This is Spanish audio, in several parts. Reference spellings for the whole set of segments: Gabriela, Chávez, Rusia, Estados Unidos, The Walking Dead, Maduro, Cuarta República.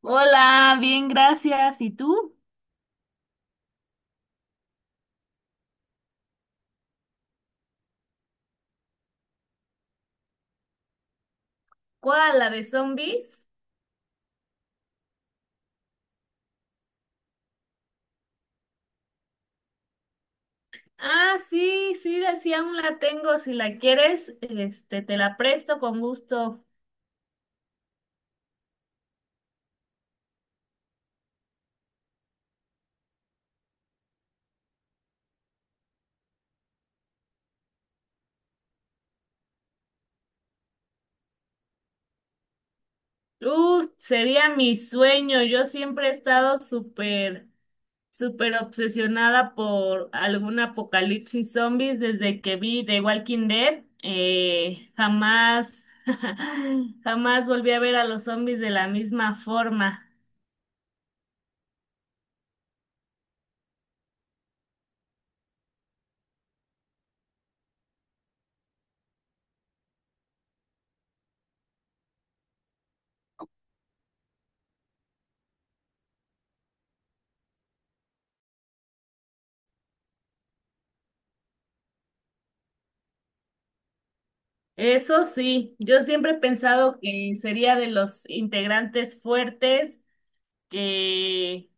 Hola, bien, gracias. ¿Y tú? ¿Cuál? ¿La de zombies? Ah, sí, sí, sí, aún la tengo. Si la quieres, este, te la presto con gusto. Sería mi sueño. Yo siempre he estado súper, súper obsesionada por algún apocalipsis zombies desde que vi The Walking Dead. Jamás, jamás volví a ver a los zombies de la misma forma. Eso sí, yo siempre he pensado que sería de los integrantes fuertes, que,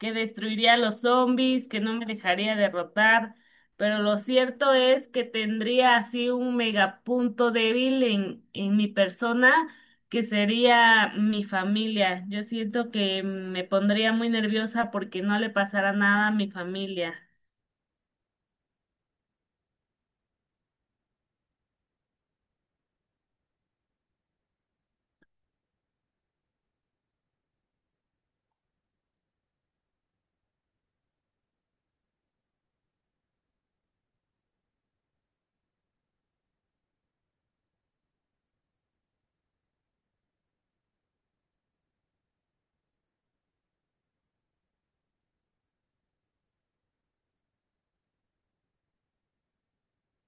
que destruiría a los zombies, que no me dejaría derrotar, pero lo cierto es que tendría así un megapunto débil en mi persona, que sería mi familia. Yo siento que me pondría muy nerviosa porque no le pasara nada a mi familia.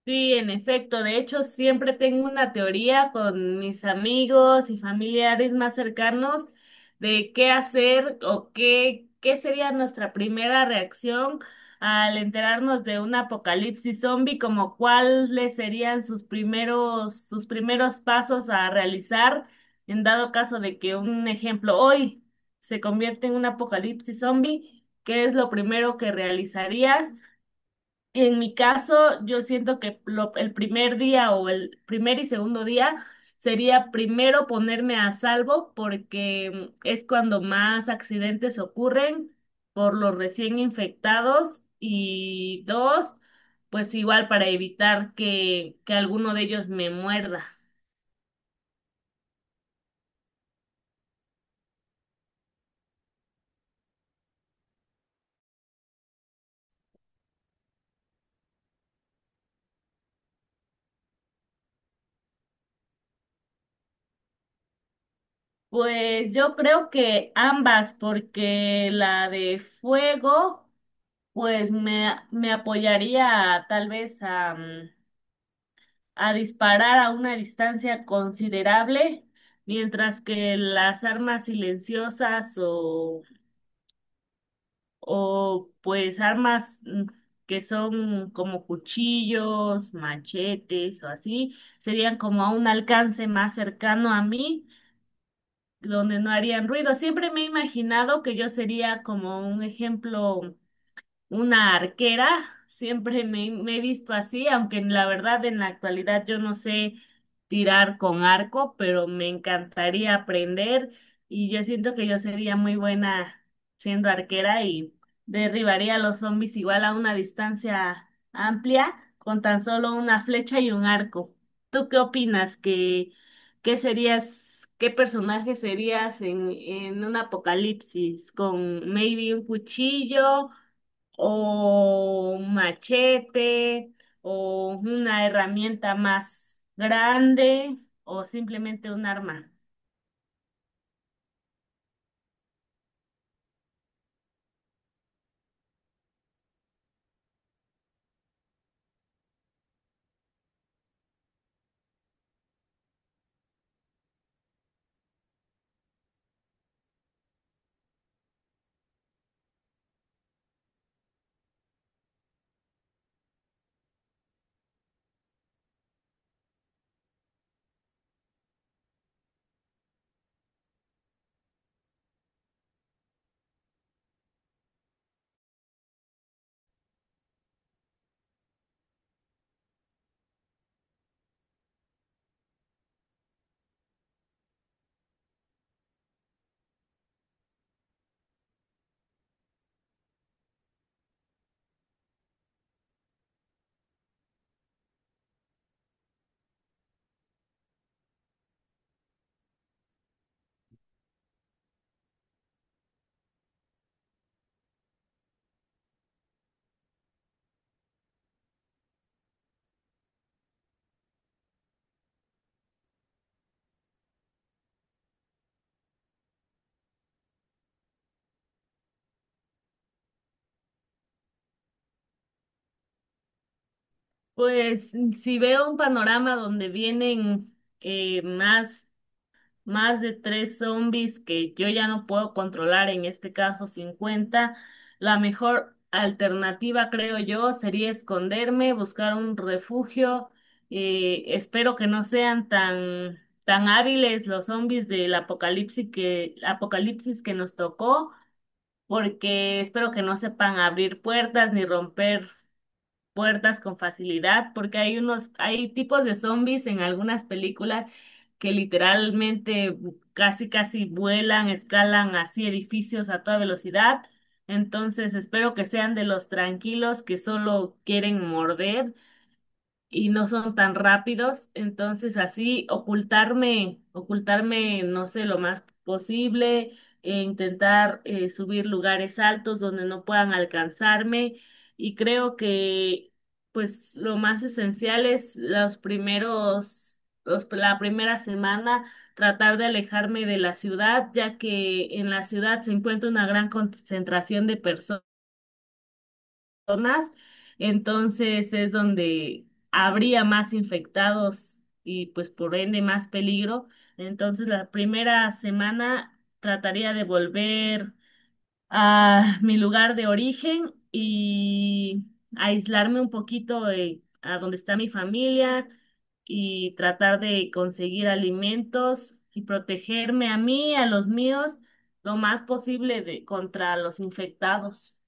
Sí, en efecto. De hecho, siempre tengo una teoría con mis amigos y familiares más cercanos de qué hacer o qué sería nuestra primera reacción al enterarnos de un apocalipsis zombie, como cuáles serían sus primeros pasos a realizar en dado caso de que un ejemplo hoy se convierte en un apocalipsis zombie. ¿Qué es lo primero que realizarías? En mi caso, yo siento que el primer día o el primer y segundo día sería primero ponerme a salvo porque es cuando más accidentes ocurren por los recién infectados y dos, pues igual para evitar que alguno de ellos me muerda. Pues yo creo que ambas, porque la de fuego, pues me apoyaría tal vez a... a disparar a una distancia considerable, mientras que las armas silenciosas o pues armas que son como cuchillos, machetes o así, serían como a un alcance más cercano a mí, donde no harían ruido. Siempre me he imaginado que yo sería como un ejemplo una arquera, siempre me he visto así, aunque en la verdad en la actualidad yo no sé tirar con arco, pero me encantaría aprender y yo siento que yo sería muy buena siendo arquera y derribaría a los zombies igual a una distancia amplia con tan solo una flecha y un arco. ¿Tú qué opinas? ¿Qué, qué serías, qué personaje serías en un apocalipsis? ¿Con maybe un cuchillo? O un machete o una herramienta más grande o simplemente un arma. Pues si veo un panorama donde vienen más más de tres zombies que yo ya no puedo controlar, en este caso 50, la mejor alternativa, creo yo, sería esconderme, buscar un refugio. Espero que no sean tan, tan hábiles los zombies del apocalipsis apocalipsis que nos tocó, porque espero que no sepan abrir puertas ni romper puertas con facilidad, porque hay unos, hay tipos de zombies en algunas películas que literalmente casi casi vuelan, escalan así edificios a toda velocidad. Entonces espero que sean de los tranquilos que solo quieren morder y no son tan rápidos, entonces así ocultarme, ocultarme, no sé, lo más posible, e intentar subir lugares altos donde no puedan alcanzarme y creo que pues lo más esencial es los primeros, la primera semana tratar de alejarme de la ciudad, ya que en la ciudad se encuentra una gran concentración de personas más, entonces es donde habría más infectados y pues por ende más peligro. Entonces la primera semana trataría de volver a mi lugar de origen y aislarme un poquito a donde está mi familia y tratar de conseguir alimentos y protegerme a mí, a los míos, lo más posible contra los infectados.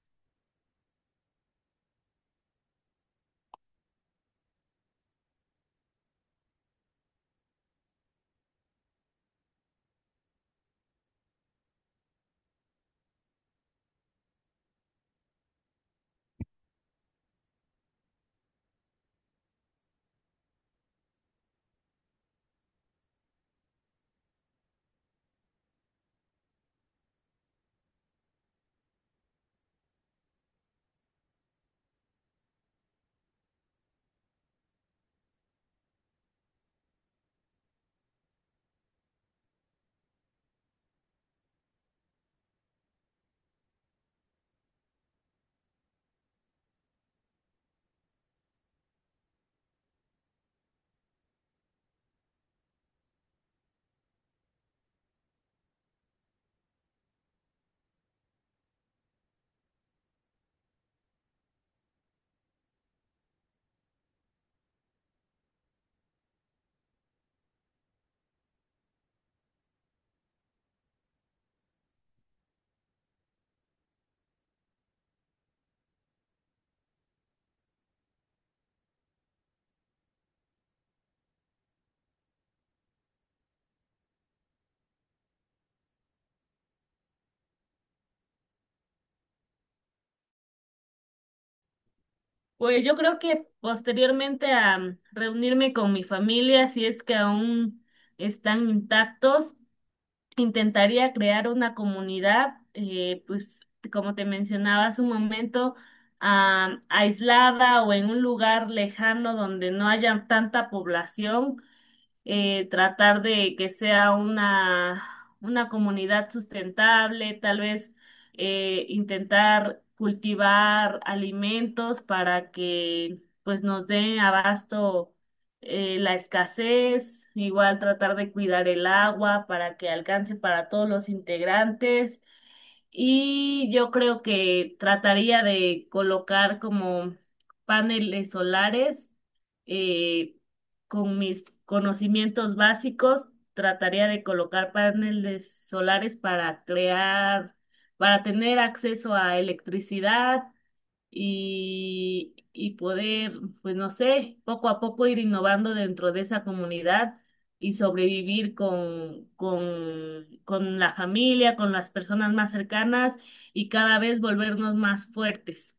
Pues yo creo que posteriormente a reunirme con mi familia, si es que aún están intactos, intentaría crear una comunidad, pues como te mencionaba hace un momento, ah, aislada o en un lugar lejano donde no haya tanta población tratar de que sea una comunidad sustentable, tal vez intentar cultivar alimentos para que pues nos den abasto la escasez, igual tratar de cuidar el agua para que alcance para todos los integrantes. Y yo creo que trataría de colocar como paneles solares eh, con mis conocimientos básicos, trataría de colocar paneles solares para crear, para tener acceso a electricidad y poder, pues no sé, poco a poco ir innovando dentro de esa comunidad y sobrevivir con la familia, con las personas más cercanas y cada vez volvernos más fuertes.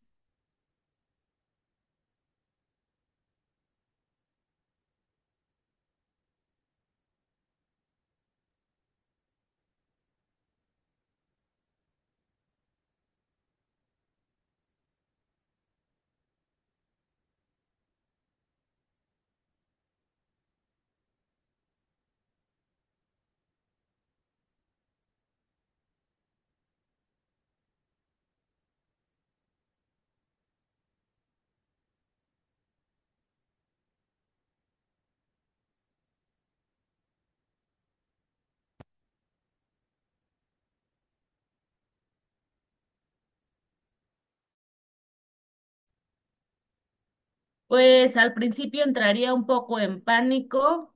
Pues al principio entraría un poco en pánico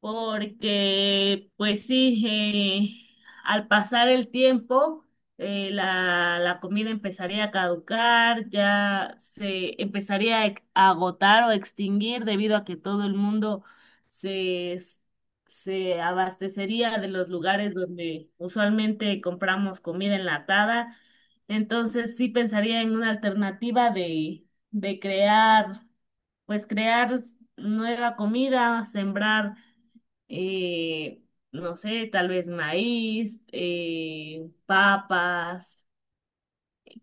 porque, pues sí, al pasar el tiempo, la comida empezaría a caducar, ya se empezaría a a agotar o extinguir debido a que todo el mundo se, se abastecería de los lugares donde usualmente compramos comida enlatada. Entonces sí pensaría en una alternativa de crear, pues crear nueva comida, sembrar, eh, no sé, tal vez maíz, papas,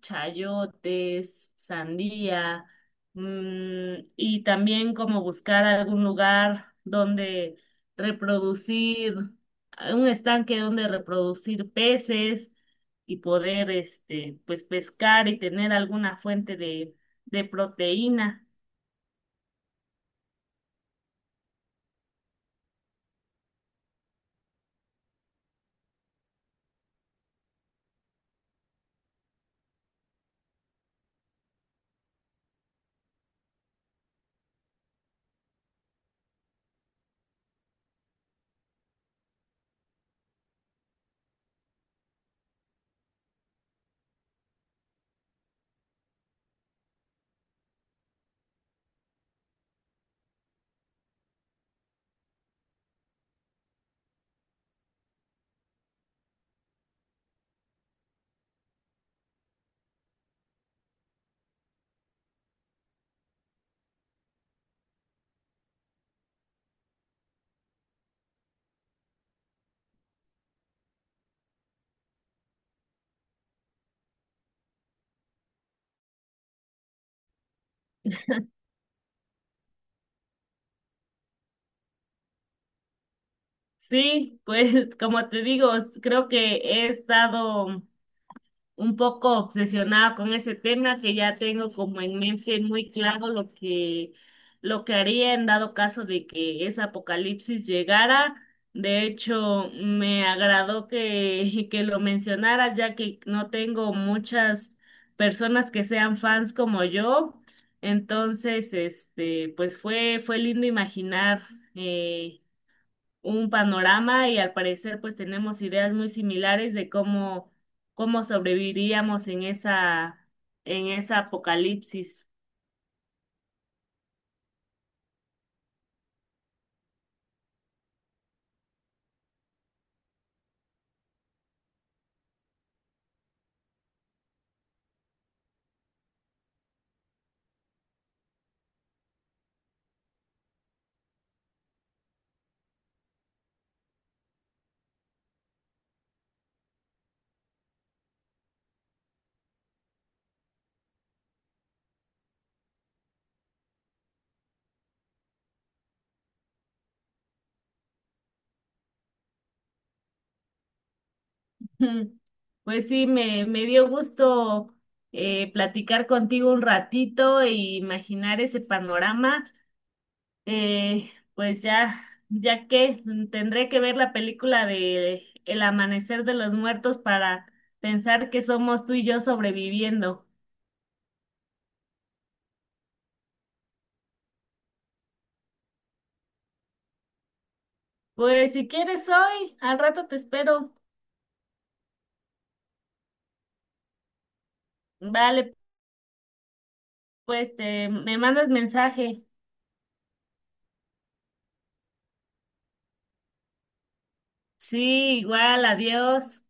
chayotes, sandía, mm, y también como buscar algún lugar donde reproducir, un estanque donde reproducir peces y poder, este, pues pescar y tener alguna fuente de proteína. Sí, pues como te digo, creo que he estado un poco obsesionada con ese tema, que ya tengo como en mente muy claro lo lo que haría en dado caso de que ese apocalipsis llegara. De hecho, me agradó que lo mencionaras, ya que no tengo muchas personas que sean fans como yo. Entonces, este, pues fue lindo imaginar. Eh, un panorama y al parecer pues tenemos ideas muy similares de cómo, cómo sobreviviríamos en esa apocalipsis. Ujú. Pues sí, me dio gusto platicar contigo un ratito e imaginar ese panorama. Pues ya, ya que tendré que ver la película de El amanecer de los muertos para pensar que somos tú y yo sobreviviendo. Pues si quieres hoy, al rato te espero. Vale, pues te me mandas mensaje. Sí, igual, adiós.